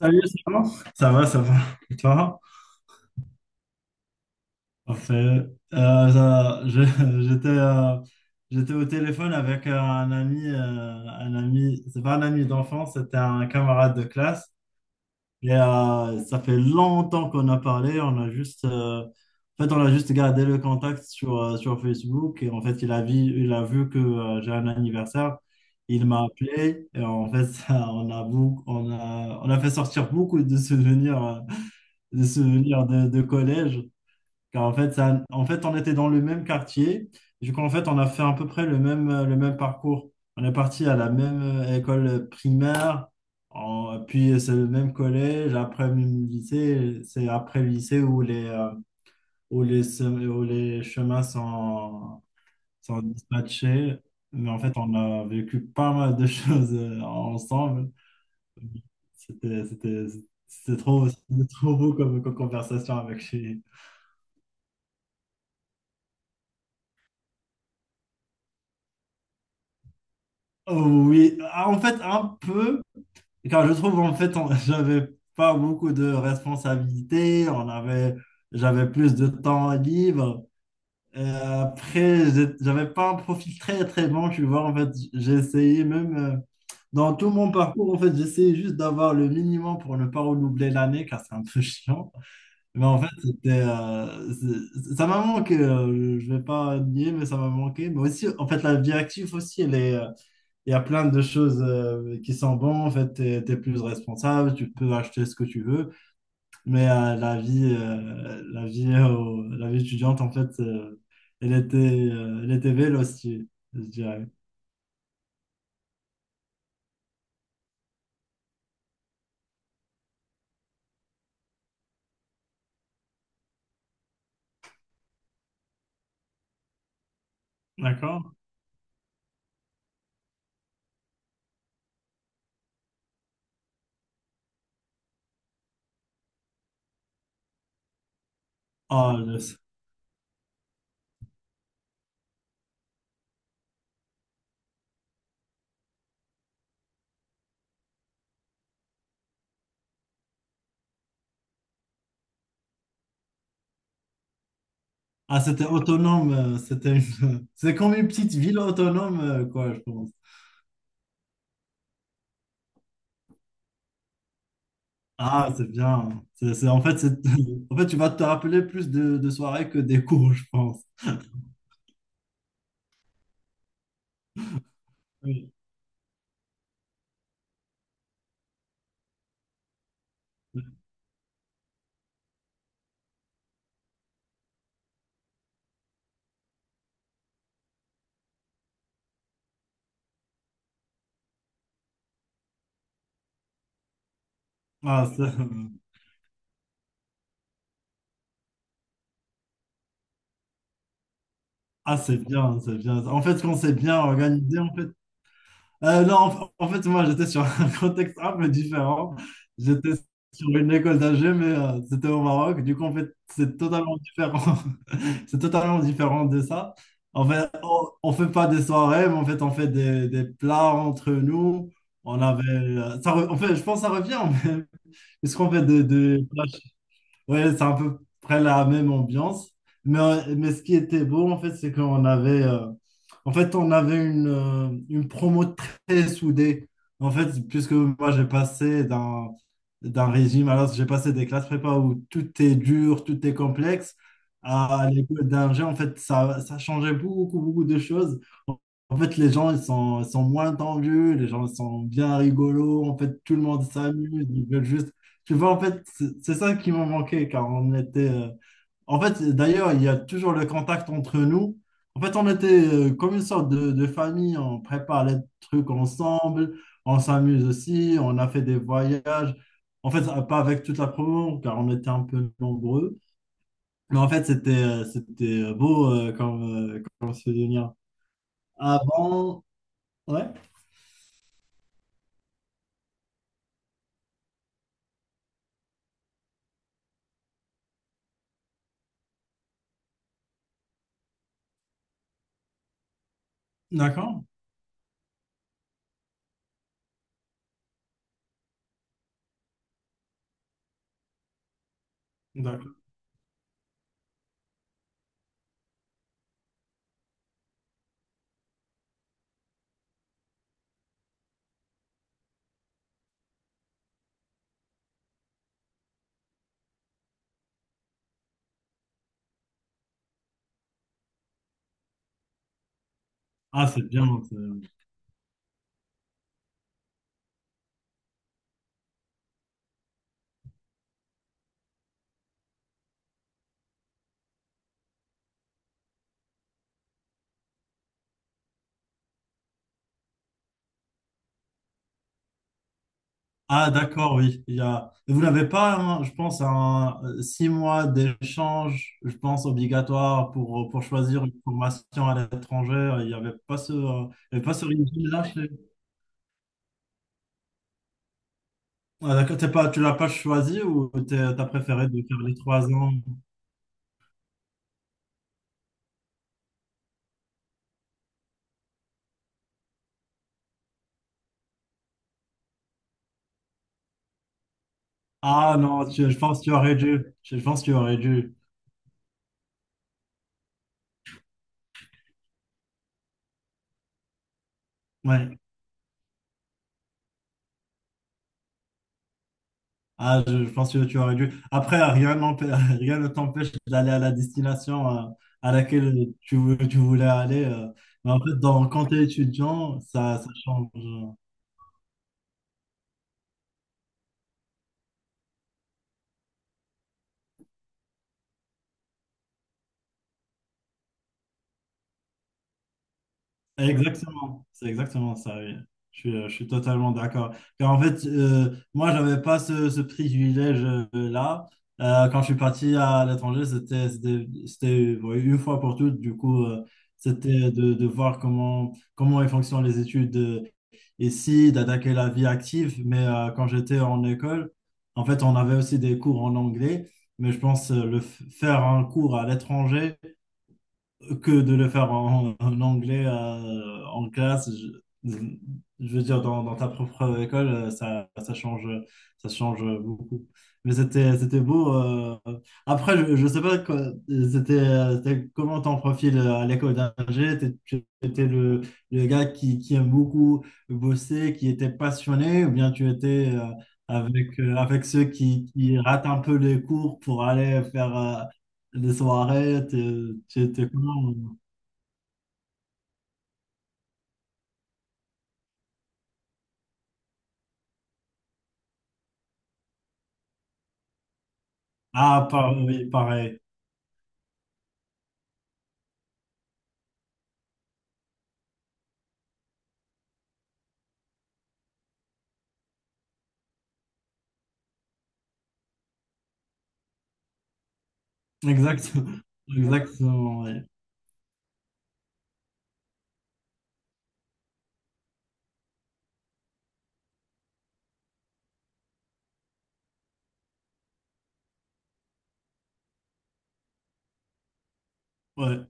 Salut, ça va? Ça va, ça va. Et toi? Parfait. Euh, ça- je- j'étais euh, j'étais au téléphone avec un ami, c'est pas un ami d'enfance, c'était un camarade de classe. Ça fait longtemps qu'on a parlé, on a juste, en fait, on a juste gardé le contact sur Facebook. Et en fait, il a vu que j'ai un anniversaire. Il m'a appelé et en fait, ça, on a fait sortir beaucoup de souvenirs. Des souvenirs de collège. Car en fait, ça, en fait, on était dans le même quartier. Du coup, en fait, on a fait à peu près le même parcours. On est parti à la même école primaire, en- puis c'est le même collège. Après le lycée, c'est après le lycée où les chemins sont dispatchés. Mais en fait, on a vécu pas mal de choses ensemble. C'était, c'était, C'était trop beau comme conversation avec lui. Oh oui. Ah, en fait, un peu, car je trouve en fait, j'avais pas beaucoup de responsabilités, j'avais plus de temps libre. Et après, j'avais pas un profil très très bon, tu vois, en fait, j'ai essayé même dans tout mon parcours, en fait, j'essayais juste d'avoir le minimum pour ne pas redoubler l'année, car c'est un peu chiant. Mais en fait, ça m'a manqué, je vais pas nier, mais ça m'a manqué. Mais aussi, en fait, la vie active aussi, elle est. Il y a plein de choses qui sont bonnes. En fait, tu es, plus responsable, tu peux acheter ce que tu veux. Mais la vie étudiante, en fait, elle était véloce, je dirais. D'accord? Ah, le- ah, c'était autonome. C'est comme une petite ville autonome, quoi, je pense. Ah, c'est bien. En fait, tu vas te rappeler plus de soirées que des cours, je pense. Oui. Ah, ça. Ah, c'est bien, c'est bien. En fait, quand c'est bien organisé, en fait. Non, en fait, moi, j'étais sur un contexte un peu différent. J'étais sur une école d'ingé, mais c'était au Maroc. Du coup, en fait, c'est totalement différent. C'est totalement différent de ça. En fait, on fait pas des soirées, mais en fait, on fait des plats entre nous. On avait. En fait, je pense que ça revient, mais. Est-ce qu'on fait des. Ouais, c'est à peu près la même ambiance. Mais ce qui était beau, en fait, c'est qu'on avait, en fait, on avait une promo très soudée. En fait, puisque moi, j'ai passé d'un régime, alors j'ai passé des classes prépa où tout est dur, tout est complexe, à l'école d'ingé, en fait, ça changeait beaucoup, beaucoup de choses. En fait, les gens, ils sont moins tendus, les gens, ils sont bien rigolos. En fait, tout le monde s'amuse, ils veulent juste. Tu vois, en fait, c'est ça qui m'a manqué, car on était. En fait, d'ailleurs, il y a toujours le contact entre nous. En fait, on était comme une sorte de famille, on prépare les trucs ensemble, on s'amuse aussi, on a fait des voyages. En fait, pas avec toute la promo, car on était un peu nombreux. Mais en fait, c'était c'était beau comme souvenir. Avant, ouais. D'accord, d'accord. Ah, c'est bien. Ah, d'accord, oui. Il y a. Vous n'avez pas, hein, je pense, un 6 mois d'échange, je pense, obligatoire pour choisir une formation à l'étranger. Il y avait pas ce régime-là chez-. Ah, d'accord, t'es pas, tu l'as pas choisi ou tu as préféré de faire les 3 ans? Ah non, je pense que tu aurais dû. Je pense que tu aurais dû. Ouais. Ah, je pense que tu aurais dû. Après, rien n'empê- rien ne t'empêche d'aller à la destination à laquelle tu voulais aller. Mais en fait, quand tu es étudiant, ça change. Exactement, c'est exactement ça, oui. Je suis totalement d'accord. Car en fait, moi, je n'avais pas ce privilège-là. Quand je suis parti à l'étranger, c'était, oui, une fois pour toutes. Du coup, c'était de voir comment ils fonctionnent les études ici d'attaquer la vie active. Mais quand j'étais en école, en fait, on avait aussi des cours en anglais. Mais je pense faire un cours à l'étranger, que de le faire en anglais en classe. Je, je veux dire, dans ta propre école, ça, ça change beaucoup. Mais c'était beau. Après, je sais pas quoi, c'était comment ton profil à l'école d'ingé. Tu étais le gars qui aime beaucoup bosser, qui était passionné, ou bien tu étais avec ceux qui ratent un peu les cours pour aller faire les soirées, t'es comment? Ah, oui, pareil. exact, Exactement, ouais. Ouais.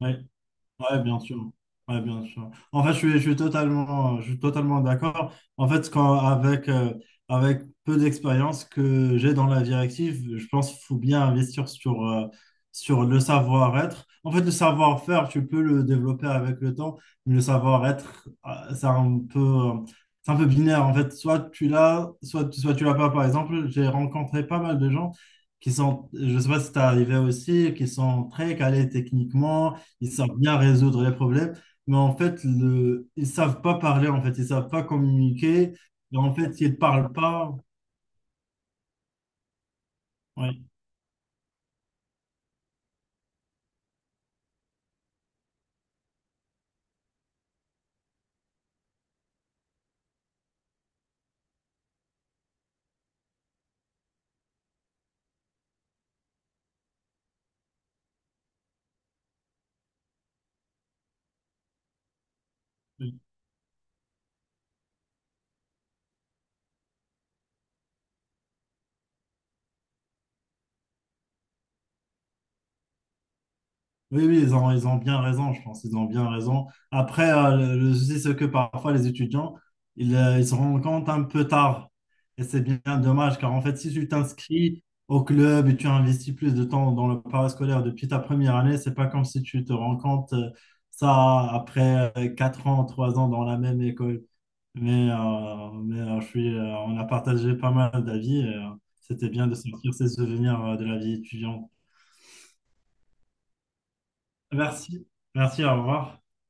Ouais. Ouais, bien sûr. Ouais, bien sûr. En fait, je suis totalement d'accord. En fait, avec peu d'expérience que j'ai dans la directive, je pense qu'il faut bien investir sur le savoir-être. En fait, le savoir-faire, tu peux le développer avec le temps, mais le savoir-être, c'est un peu binaire. En fait, soit tu l'as, soit tu l'as pas. Par exemple, j'ai rencontré pas mal de gens qui sont, je sais pas si c'est arrivé aussi, qui sont très calés techniquement, ils savent bien résoudre les problèmes, mais en fait, ils savent pas parler, en fait, ils savent pas communiquer, et en fait, ils parlent pas. Ouais. Oui, oui, ils ont bien raison, je pense, ils ont bien raison. Après, le souci, c'est que parfois, les étudiants, ils se rendent compte un peu tard. Et c'est bien dommage, car en fait, si tu t'inscris au club et tu investis plus de temps dans le parascolaire depuis ta première année, c'est pas comme si tu te rends compte ça après 4 ans, 3 ans dans la même école. Mais on a partagé pas mal d'avis et c'était bien de sortir ces souvenirs de la vie étudiante. Merci, merci, au revoir.